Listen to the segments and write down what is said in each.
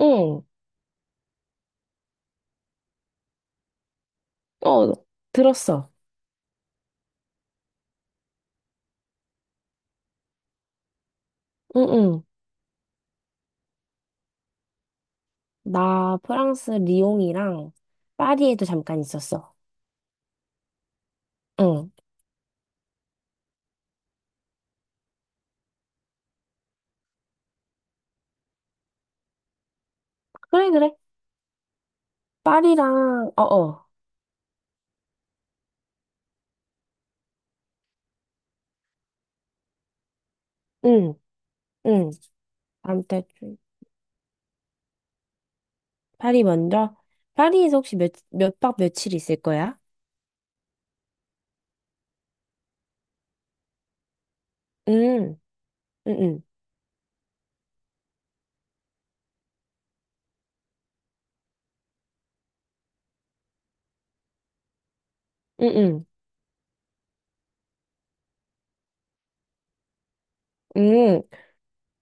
응, 어, 들었어. 응, 응. 나 프랑스 리옹이랑 파리에도 잠깐 있었어. 응. 그래, 그래. 파리랑, 어, 어. 응, 응. 다음 달, 파리 먼저? 파리에서 혹시 몇 박 며칠 있을 거야? 응, 응, 응, 응, 응. 응.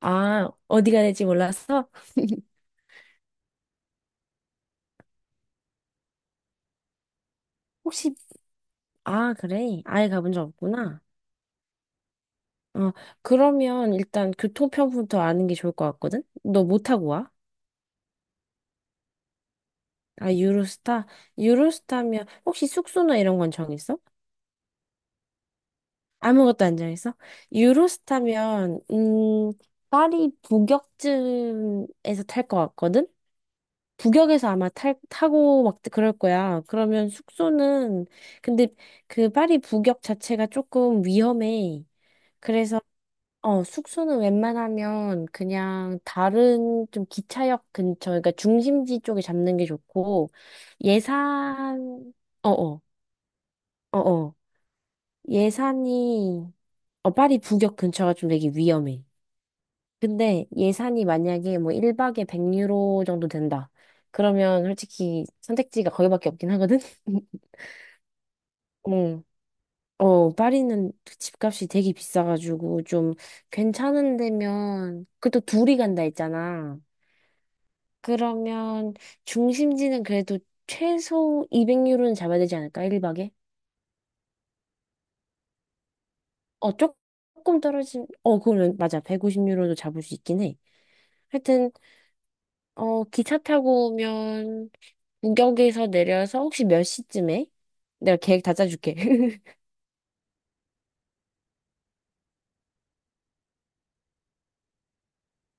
아, 어디가 될지 몰랐어? 혹시, 아, 그래. 아예 가본 적 없구나. 어, 그러면 일단 교통편부터 아는 게 좋을 것 같거든? 너 뭐 타고 와? 아, 유로스타? 유로스타면, 혹시 숙소나 이런 건 정했어? 아무것도 안 정했어? 유로스타면, 파리 북역쯤에서 탈 것 같거든? 북역에서 아마 타고 막 그럴 거야. 그러면 숙소는, 근데 그 파리 북역 자체가 조금 위험해. 그래서, 숙소는 웬만하면 그냥 다른 좀 기차역 근처, 그러니까 중심지 쪽에 잡는 게 좋고, 예산, 어어. 어어. 예산이, 파리 북역 근처가 좀 되게 위험해. 근데 예산이 만약에 뭐 1박에 100유로 정도 된다. 그러면 솔직히 선택지가 거기밖에 없긴 하거든? 응. 어, 파리는 집값이 되게 비싸가지고 좀 괜찮은 데면, 그또 둘이 간다 했잖아. 그러면 중심지는 그래도 최소 200유로는 잡아야 되지 않을까? 1박에? 어, 조금 떨어진, 어, 그러면 맞아. 150유로도 잡을 수 있긴 해. 하여튼 기차 타고 오면 구격에서 내려서 혹시 몇 시쯤에? 내가 계획 다 짜줄게.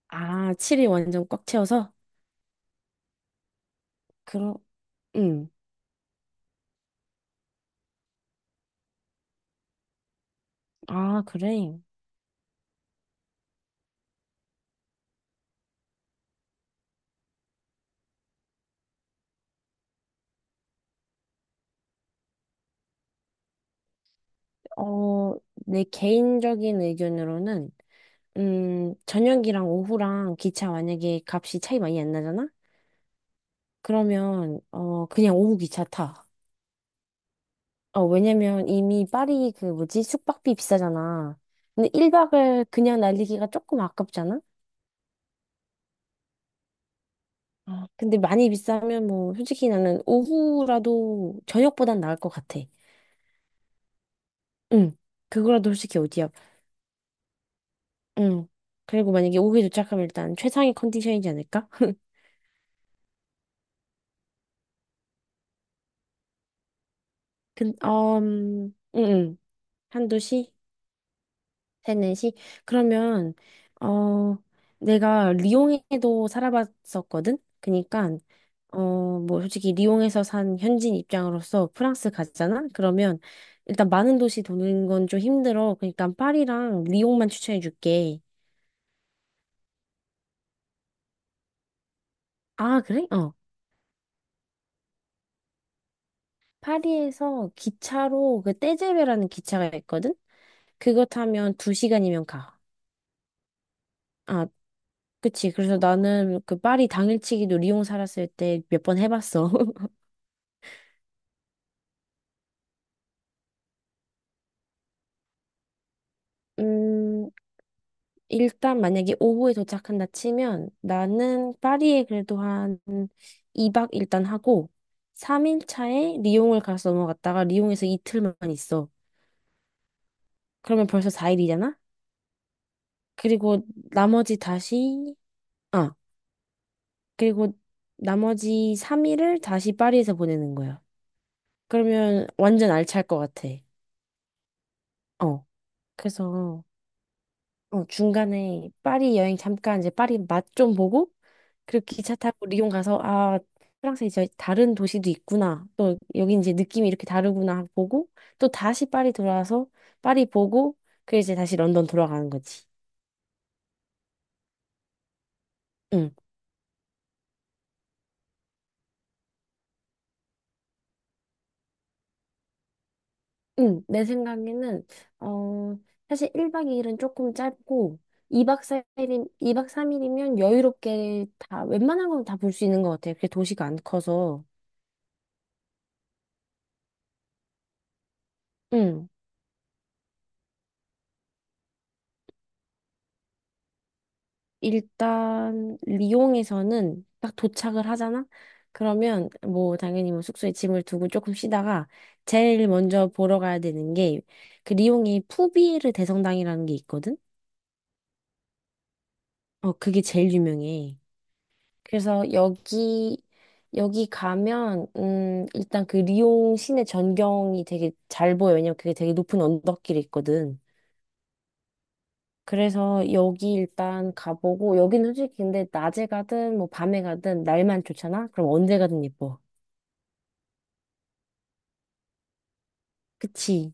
아, 7일 완전 꽉 채워서? 그럼, 음. 아, 그래. 어, 내 개인적인 의견으로는, 저녁이랑 오후랑 기차 만약에 값이 차이 많이 안 나잖아? 그러면, 그냥 오후 기차 타. 어, 왜냐면 이미 파리 그 뭐지? 숙박비 비싸잖아. 근데 1박을 그냥 날리기가 조금 아깝잖아? 아, 근데 많이 비싸면 뭐 솔직히 나는 오후라도 저녁보단 나을 것 같아. 응. 그거라도 솔직히 어디야. 응. 그리고 만약에 오후에 도착하면 일단 최상의 컨디션이지 않을까? 응, 응. 한두 시? 세네시. 그러면 어 내가 리옹에도 살아봤었거든. 그니까 어뭐 솔직히 리옹에서 산 현지인 입장으로서 프랑스 가잖아. 그러면 일단 많은 도시 도는 건 좀 힘들어. 그니까 파리랑 리옹만 추천해 줄게. 아, 그래? 어. 파리에서 기차로 그 떼제베라는 기차가 있거든. 그거 타면 두시간이면 가. 아, 그치. 그래서 나는 그 파리 당일치기도 리옹 살았을 때 몇 번 해봤어. 음, 일단 만약에 오후에 도착한다 치면 나는 파리에 그래도 한 2박 일단 하고 3일 차에 리옹을 가서 넘어갔다가 리옹에서 이틀만 있어. 그러면 벌써 4일이잖아? 그리고 나머지 다시 아, 그리고 나머지 3일을 다시 파리에서 보내는 거야. 그러면 완전 알찰 것 같아. 어. 그래서 중간에 파리 여행 잠깐 이제 파리 맛 좀 보고 그리고 기차 타고 리옹 가서 아 프랑스에 이제 다른 도시도 있구나 또 여기 이제 느낌이 이렇게 다르구나 하고 보고 또 다시 파리 돌아와서 파리 보고 그 이제 다시 런던 돌아가는 거지. 응. 응. 내 생각에는 어 사실 1박 2일은 조금 짧고 2박 4일이 이박 3일이면 여유롭게 다 웬만한 건 다 볼 수 있는 것 같아요. 그게 도시가 안 커서. 응. 일단 리옹에서는 딱 도착을 하잖아? 그러면 뭐 당연히 뭐 숙소에 짐을 두고 조금 쉬다가 제일 먼저 보러 가야 되는 게 그 리옹에 푸비에르 대성당이라는 게 있거든? 어, 그게 제일 유명해. 그래서 여기 가면 일단 그 리옹 시내 전경이 되게 잘 보여. 왜냐면 그게 되게 높은 언덕길이 있거든. 그래서 여기 일단 가보고 여기는 솔직히 근데 낮에 가든 뭐 밤에 가든 날만 좋잖아? 그럼 언제 가든 예뻐. 그치?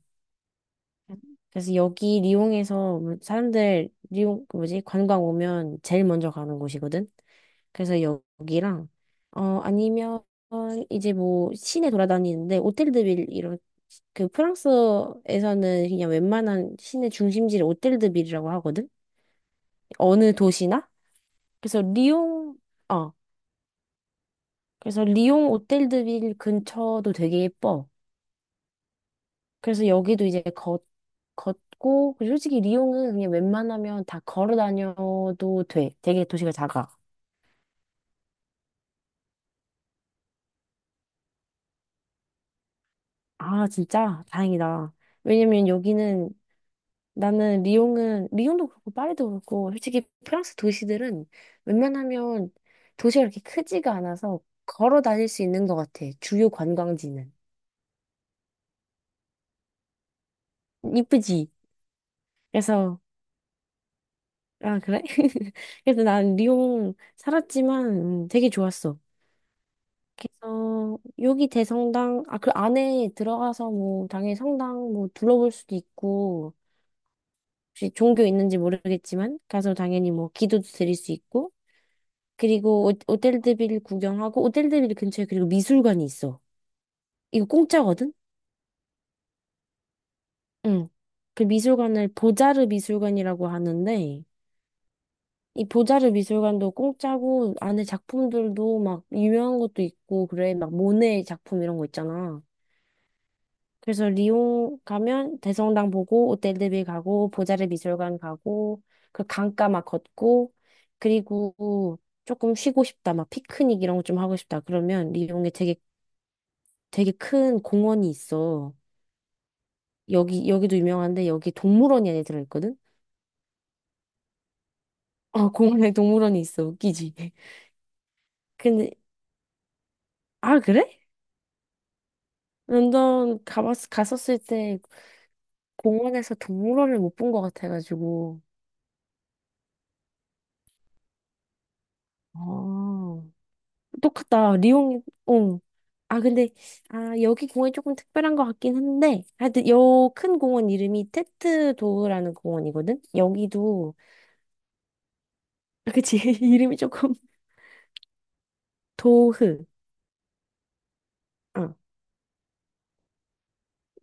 그래서 여기 리옹에서 뭐 사람들 리옹 그 뭐지? 관광 오면 제일 먼저 가는 곳이거든. 그래서 여기랑 아니면 이제 뭐 시내 돌아다니는데 오텔드빌 이런 그 프랑스에서는 그냥 웬만한 시내 중심지를 오텔드빌이라고 하거든. 어느 도시나? 그래서 리옹 어. 그래서 리옹 오텔드빌 근처도 되게 예뻐. 그래서 여기도 이제 걷고, 그리고 솔직히 리옹은 그냥 웬만하면 다 걸어 다녀도 돼. 되게 도시가 작아. 아, 진짜? 다행이다. 왜냐면 여기는 나는 리옹은, 리옹도 그렇고 파리도 그렇고, 솔직히 프랑스 도시들은 웬만하면 도시가 그렇게 크지가 않아서 걸어 다닐 수 있는 것 같아. 주요 관광지는. 이쁘지? 그래서 아, 그래? 그래서 난 리옹 살았지만 되게 좋았어. 그래서 여기 대성당, 아, 그 안에 들어가서 뭐 당연히 성당 뭐 둘러볼 수도 있고, 혹시 종교 있는지 모르겠지만, 가서 당연히 뭐 기도도 드릴 수 있고, 그리고 오텔드빌 구경하고, 오텔드빌 근처에 그리고 미술관이 있어. 이거 공짜거든? 응. 그 미술관을 보자르 미술관이라고 하는데, 이 보자르 미술관도 공짜고 안에 작품들도 막 유명한 것도 있고 그래 막 모네 작품 이런 거 있잖아. 그래서 리옹 가면 대성당 보고 오텔드빌 가고 보자르 미술관 가고 그 강가 막 걷고 그리고 조금 쉬고 싶다 막 피크닉 이런 거 좀 하고 싶다 그러면 리옹에 되게 되게 큰 공원이 있어. 여기도 유명한데 여기 동물원이 안에 들어있거든. 아 공원에 동물원이 있어 웃기지. 근데 아 그래? 런던 갔었을 때 공원에서 동물원을 못 본 것 같아가지고. 아, 똑같다. 리옹, 어. 아, 근데, 아, 여기 공원이 조금 특별한 것 같긴 한데, 하여튼, 요 큰 공원 이름이 테트 도흐라는 공원이거든? 여기도, 아, 그치, 이름이 조금, 도흐. 어.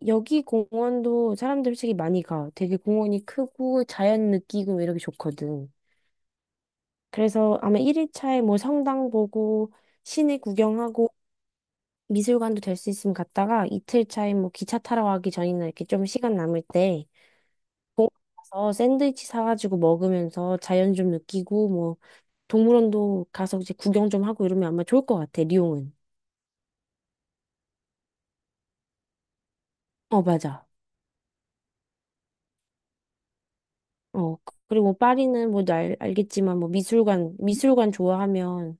여기 공원도 사람들 솔직히 많이 가. 되게 공원이 크고, 자연 느끼고, 이렇게 좋거든. 그래서 아마 1일차에 뭐 성당 보고, 시내 구경하고, 미술관도 될 수 있으면 갔다가 이틀 차에 뭐 기차 타러 가기 전이나 이렇게 좀 시간 남을 때 공원 가서 샌드위치 사가지고 먹으면서 자연 좀 느끼고 뭐 동물원도 가서 이제 구경 좀 하고 이러면 아마 좋을 것 같아, 리옹은. 어, 맞아. 어, 그리고 뭐 파리는 뭐 알겠지만 뭐 미술관 좋아하면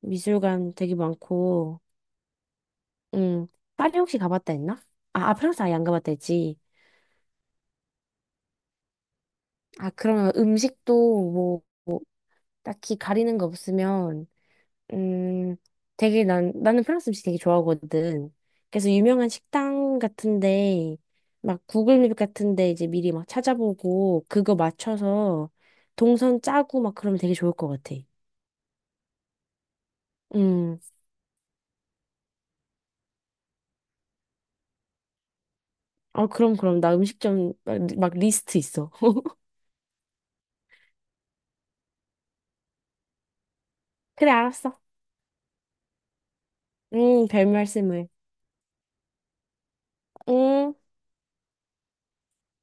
미술관 되게 많고, 음, 파리 혹시 가봤다 했나? 아, 아 프랑스 아예 안 가봤다 했지. 아, 그러면 음식도 뭐 딱히 가리는 거 없으면 음, 되게 나는 프랑스 음식 되게 좋아하거든. 그래서 유명한 식당 같은데, 막 구글 맵 같은데 이제 미리 막 찾아보고, 그거 맞춰서 동선 짜고 막 그러면 되게 좋을 것 같아. 음, 어, 그럼, 그럼. 나 음식점 막 리스트 있어. 그래, 알았어. 별 말씀을. 음.